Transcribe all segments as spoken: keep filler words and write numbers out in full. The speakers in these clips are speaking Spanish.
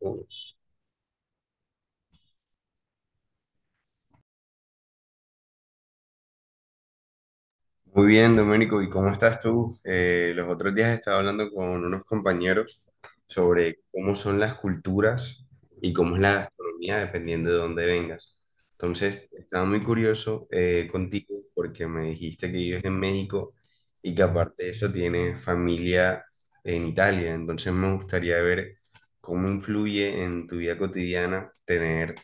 Muy bien, Domenico, ¿y cómo estás tú? Eh, los otros días estaba hablando con unos compañeros sobre cómo son las culturas y cómo es la gastronomía dependiendo de dónde vengas. Entonces, estaba muy curioso eh, contigo porque me dijiste que vives en México y que aparte de eso tienes familia en Italia. Entonces, me gustaría ver cómo influye en tu vida cotidiana tener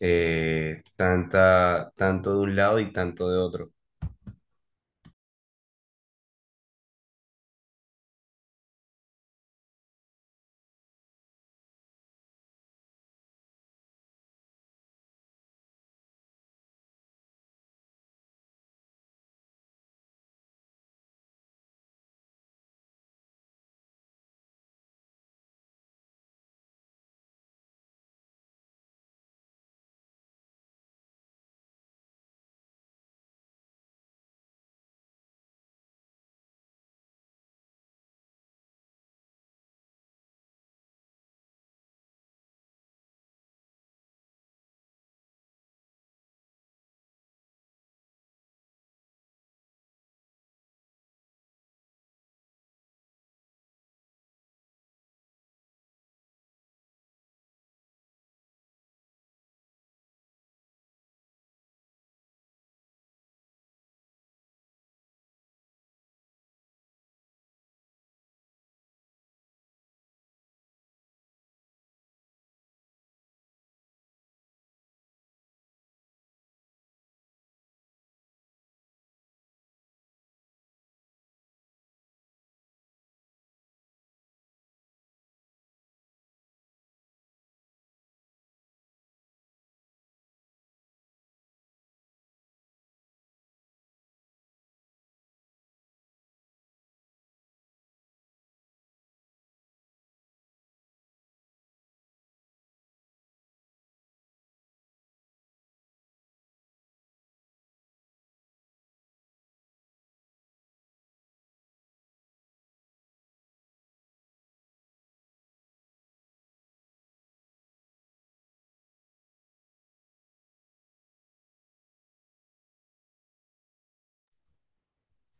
eh, tanta, tanto de un lado y tanto de otro.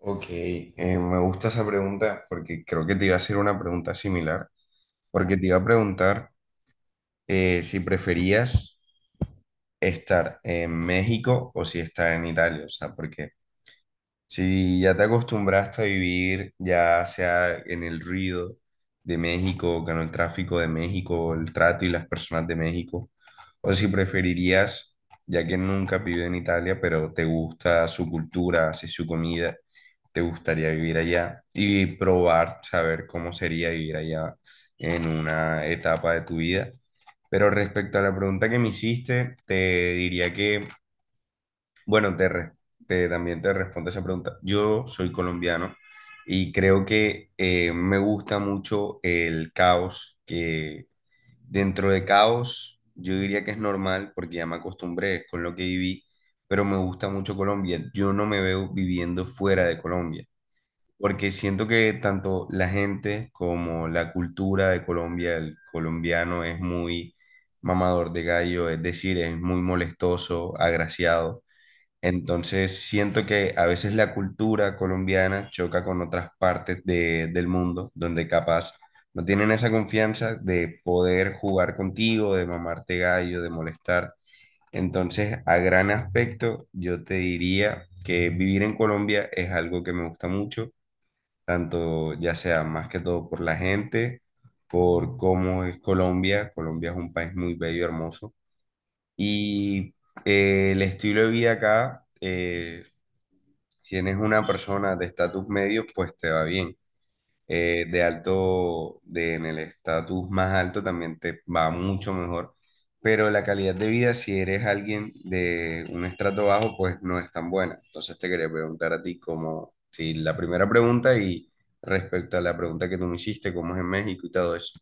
Ok, eh, me gusta esa pregunta porque creo que te iba a hacer una pregunta similar, porque te iba a preguntar eh, si preferías estar en México o si estar en Italia, o sea, porque si ya te acostumbraste a vivir ya sea en el ruido de México, con el tráfico de México, el trato y las personas de México, o si preferirías, ya que nunca has vivido en Italia, pero te gusta su cultura, así su comida te gustaría vivir allá y probar, saber cómo sería vivir allá en una etapa de tu vida. Pero respecto a la pregunta que me hiciste, te diría que, bueno, te, re- te- también te respondo esa pregunta. Yo soy colombiano y creo que eh, me gusta mucho el caos, que dentro de caos yo diría que es normal porque ya me acostumbré con lo que viví, pero me gusta mucho Colombia. Yo no me veo viviendo fuera de Colombia porque siento que tanto la gente como la cultura de Colombia, el colombiano es muy mamador de gallo, es decir, es muy molestoso, agraciado. Entonces siento que a veces la cultura colombiana choca con otras partes de- del mundo, donde capaz no tienen esa confianza de poder jugar contigo, de mamarte gallo, de molestar. Entonces, a gran aspecto, yo te diría que vivir en Colombia es algo que me gusta mucho tanto ya sea más que todo por la gente, por cómo es Colombia. Colombia es un país muy bello, hermoso. Y eh, el estilo de vida acá, eh, si eres una persona de estatus medio, pues te va bien eh, de alto, de, en el estatus más alto también te va mucho mejor, pero la calidad de vida, si eres alguien de un estrato bajo, pues no es tan buena. Entonces te quería preguntar a ti como, si la primera pregunta y respecto a la pregunta que tú me hiciste, cómo es en México y todo eso.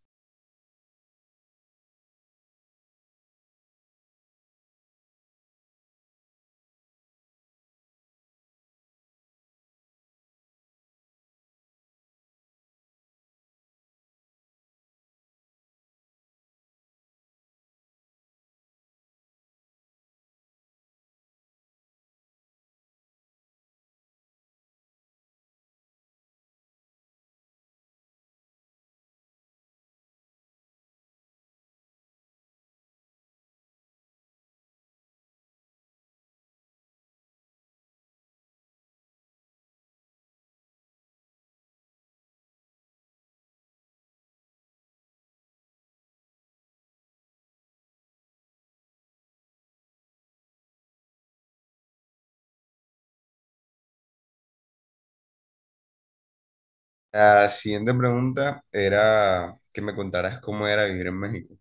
La siguiente pregunta era que me contaras cómo era vivir en México.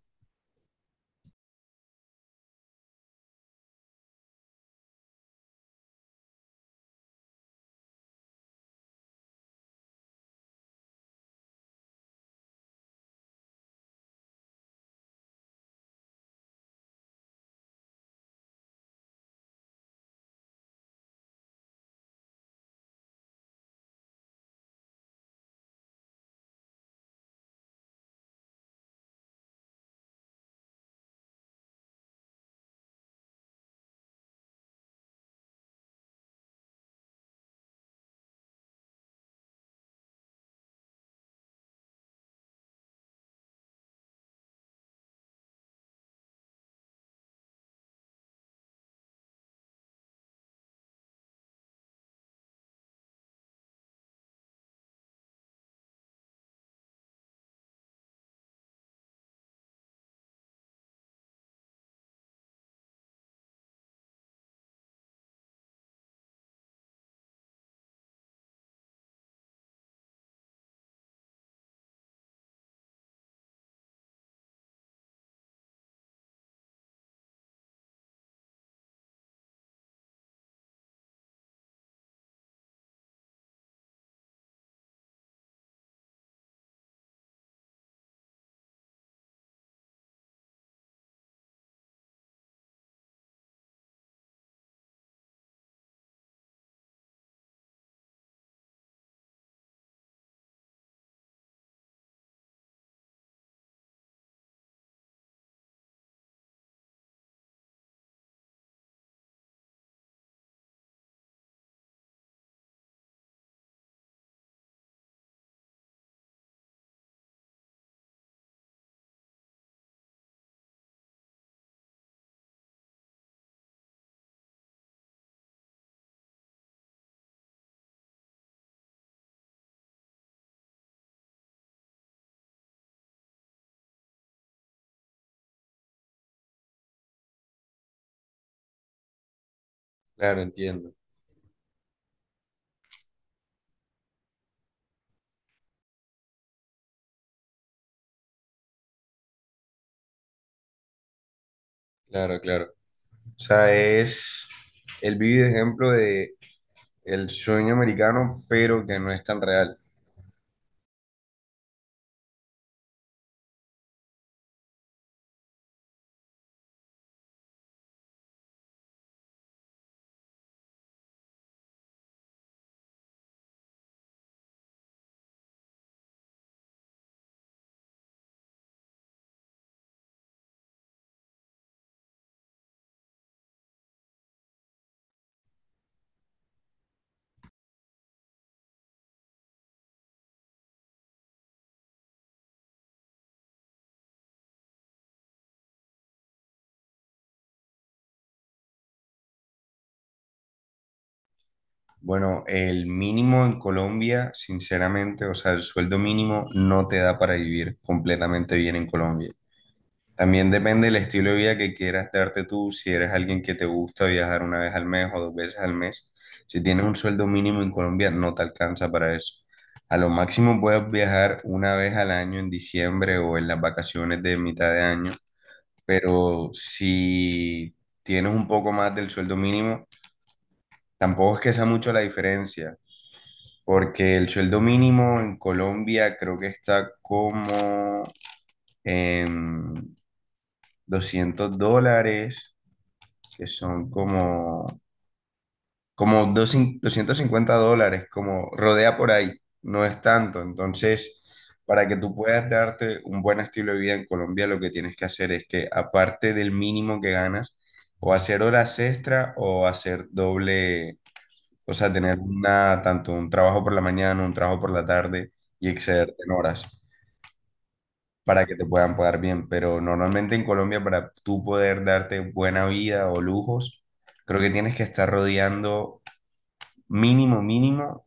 Claro, entiendo. Claro, claro. O sea, es, él vive de ejemplo de el sueño americano, pero que no es tan real. Bueno, el mínimo en Colombia, sinceramente, o sea, el sueldo mínimo no te da para vivir completamente bien en Colombia. También depende del estilo de vida que quieras darte tú, si eres alguien que te gusta viajar una vez al mes o dos veces al mes. Si tienes un sueldo mínimo en Colombia, no te alcanza para eso. A lo máximo puedes viajar una vez al año en diciembre o en las vacaciones de mitad de año, pero si tienes un poco más del sueldo mínimo, tampoco es que sea mucho la diferencia, porque el sueldo mínimo en Colombia creo que está como en doscientos dólares, que son como, como dos doscientos cincuenta dólares, como rodea por ahí, no es tanto. Entonces, para que tú puedas darte un buen estilo de vida en Colombia, lo que tienes que hacer es que, aparte del mínimo que ganas, o hacer horas extra o hacer doble. O sea, tener una, tanto un trabajo por la mañana, un trabajo por la tarde y excederte en horas para que te puedan pagar bien. Pero normalmente en Colombia, para tú poder darte buena vida o lujos, creo que tienes que estar rodeando mínimo, mínimo,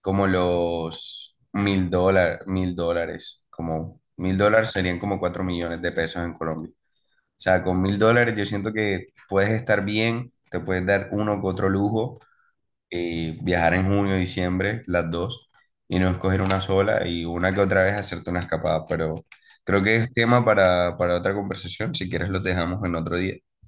como los mil dólares, mil dólares, como mil dólares serían como cuatro millones de pesos en Colombia. O sea, con mil dólares yo siento que puedes estar bien, te puedes dar uno que otro lujo eh, viajar en junio, diciembre, las dos, y no escoger una sola y una que otra vez hacerte una escapada, pero creo que es tema para, para otra conversación, si quieres lo dejamos en otro día.